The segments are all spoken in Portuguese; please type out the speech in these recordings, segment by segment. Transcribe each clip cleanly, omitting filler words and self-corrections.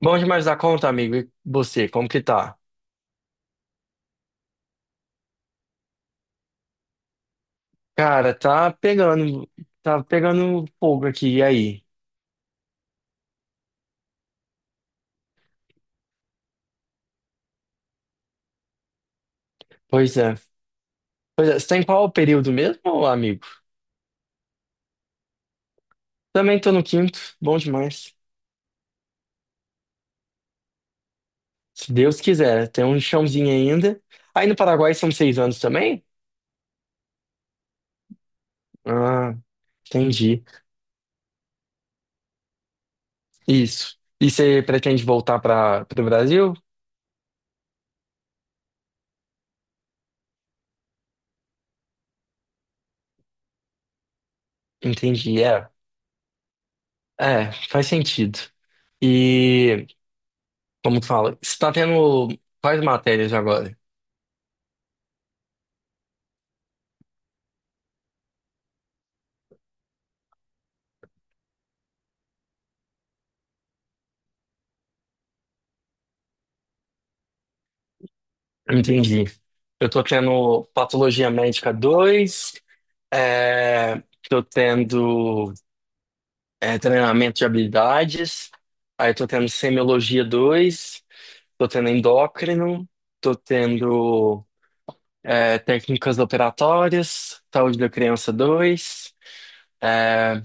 Bom demais da conta, amigo. E você, como que tá? Cara, tá pegando fogo aqui, e aí? Pois é. Pois é, você tá em qual período mesmo, amigo? Também tô no quinto, bom demais. Se Deus quiser, né? Tem um chãozinho ainda. Aí no Paraguai são 6 anos também? Ah, entendi. Isso. E você pretende voltar para o Brasil? Entendi, é. É, faz sentido. E, como que fala, você tá tendo quais matérias agora? Entendi. Eu tô tendo patologia médica 2, é, tô tendo treinamento de habilidades, aí tô tendo semiologia 2, tô tendo endócrino, tô tendo técnicas operatórias, saúde da criança 2. é,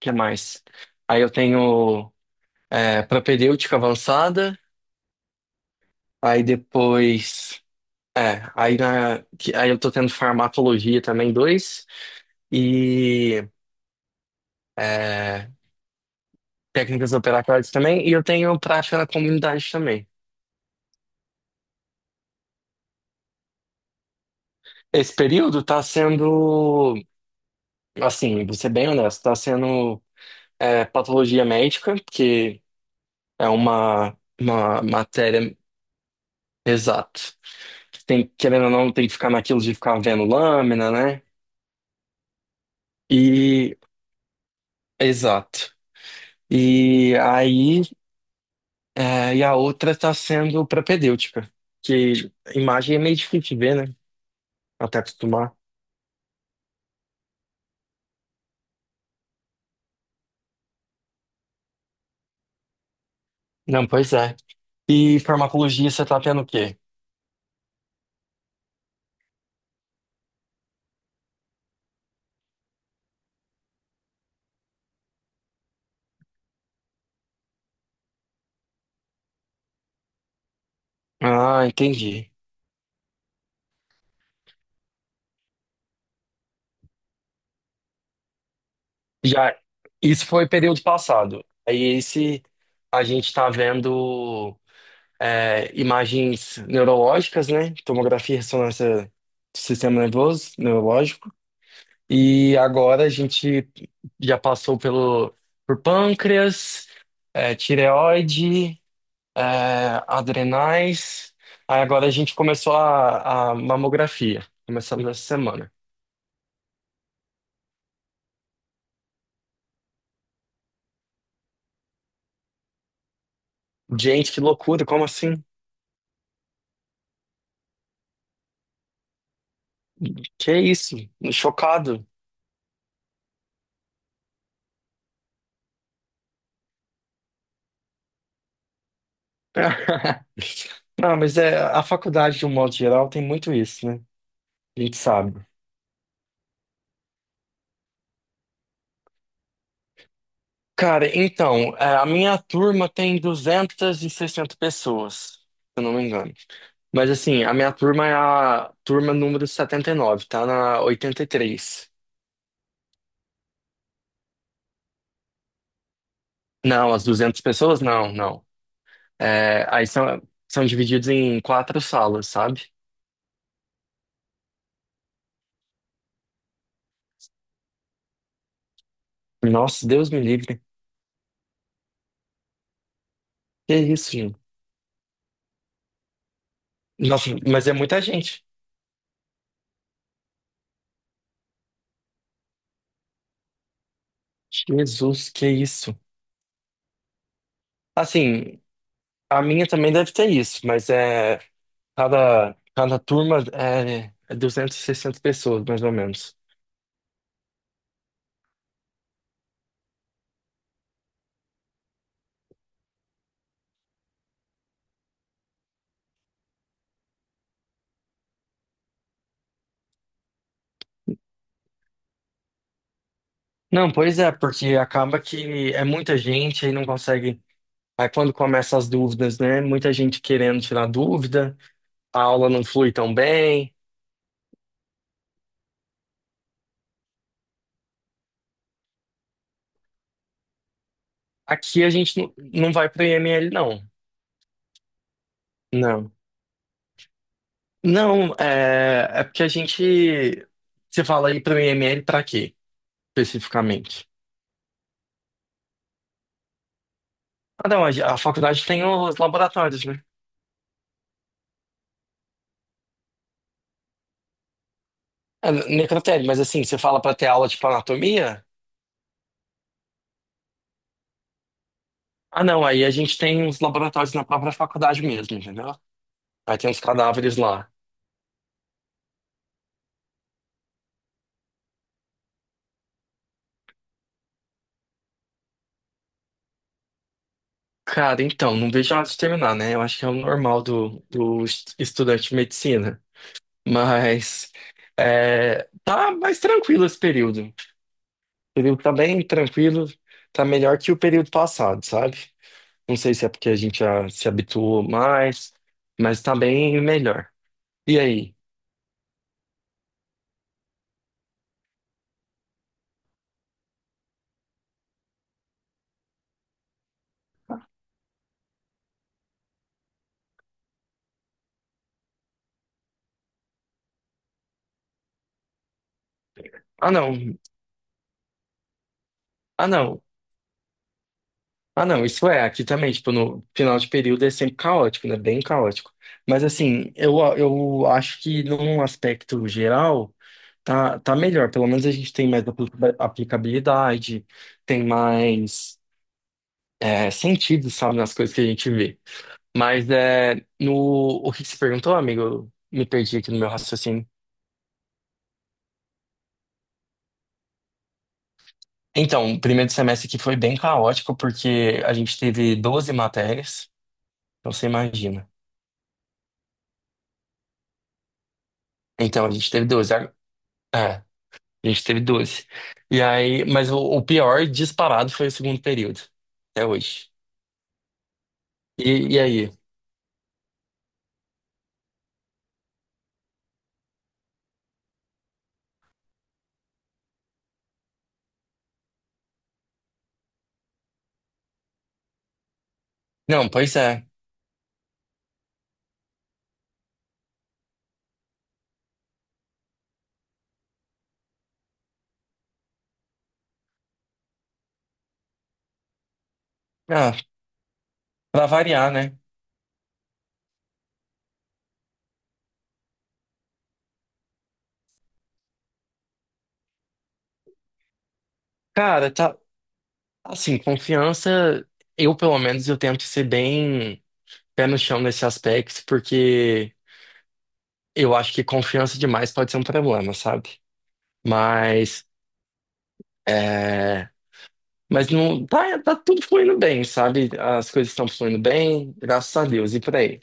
que mais? Aí eu tenho propedêutica avançada, aí depois. É, aí, aí eu tô tendo farmacologia também, dois, e é, técnicas operatórias também, e eu tenho prática na comunidade também. Esse período tá sendo, assim, vou ser bem honesto, tá sendo patologia médica, que é uma matéria, exato. Tem, querendo ou não, tem que ficar naquilo de ficar vendo lâmina, né? E, exato. E aí e a outra está sendo propedêutica, que imagem é meio difícil de ver, né? Até acostumar. Não, pois é. E farmacologia você tá tendo o quê? Ah, entendi. Já, isso foi período passado. Aí esse a gente tá vendo imagens neurológicas, né? Tomografia, e ressonância do sistema nervoso, neurológico. E agora a gente já passou pelo por pâncreas, Tireoide. é, adrenais. Aí agora a gente começou a mamografia. Começamos essa semana. Gente, que loucura, como assim? Que isso? Chocado. Não, mas é, a faculdade, de um modo geral, tem muito isso, né? A gente sabe. Cara, então, a minha turma tem 260 pessoas, se eu não me engano. Mas assim, a minha turma é a turma número 79, tá na 83. Não, as 200 pessoas? Não, não. É, aí são divididos em quatro salas, sabe? Nossa, Deus me livre. Que isso, gente? Nossa, mas é muita gente. Jesus, que isso. Assim, a minha também deve ter isso, mas é cada turma é 260 pessoas, mais ou menos. Não, pois é, porque acaba que é muita gente e não consegue. Aí quando começa as dúvidas, né? Muita gente querendo tirar dúvida, a aula não flui tão bem. Aqui a gente não vai para o IML, não. Não. Não, é porque a gente. Você fala aí para o IML para quê, especificamente? Ah, não, a faculdade tem os laboratórios, né? É, necrotério, mas assim, você fala para ter aula tipo anatomia? Ah, não, aí a gente tem os laboratórios na própria faculdade mesmo, entendeu? Aí tem os cadáveres lá. Cara, então, não vejo a hora de terminar, né? Eu acho que é o normal do estudante de medicina. Mas tá mais tranquilo esse período. O período tá bem tranquilo, tá melhor que o período passado, sabe? Não sei se é porque a gente já se habituou mais, mas tá bem melhor. E aí? Ah, não. Ah, não. Ah, não. Isso é, aqui também, tipo, no final de período é sempre caótico, né? Bem caótico. Mas assim, eu acho que num aspecto geral, tá melhor. Pelo menos a gente tem mais aplicabilidade, tem mais, sentido, sabe, nas coisas que a gente vê. Mas é, no, o que que você perguntou, amigo? Eu me perdi aqui no meu raciocínio. Então, o primeiro semestre aqui foi bem caótico, porque a gente teve 12 matérias, então você imagina. Então, a gente teve É, a doze. E aí, mas o pior disparado foi o segundo período, até hoje. E aí? Não, pois é. Ah, pra variar, né? Cara, tá. Assim, confiança, eu pelo menos eu tento ser bem pé no chão nesse aspecto, porque. Eu acho que confiança demais pode ser um problema, sabe? Mas, é... Mas não tá tudo fluindo bem, sabe? As coisas estão fluindo bem, graças a Deus, e por aí.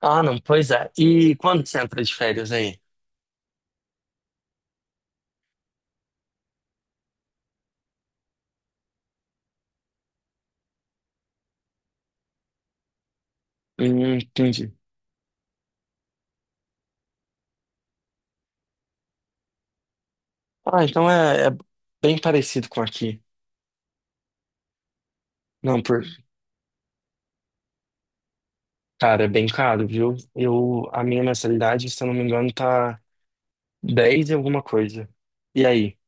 Ah, não, pois é. E quando você entra de férias aí? Entendi. Ah, então é bem parecido com aqui. Não, cara, é bem caro, viu? A minha mensalidade, se eu não me engano, tá 10 e alguma coisa. E aí?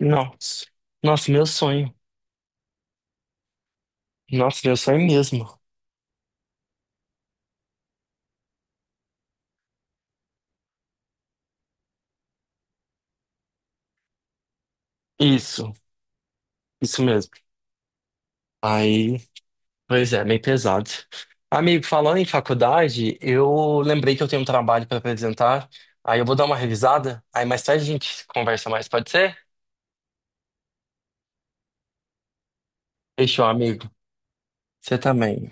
Nossa, nossa, meu sonho. Nossa, meu sonho mesmo. Isso. Isso mesmo. Aí, pois é, meio pesado. Amigo, falando em faculdade, eu lembrei que eu tenho um trabalho para apresentar. Aí eu vou dar uma revisada. Aí mais tarde a gente conversa mais, pode ser? Fechou, amigo. Você também.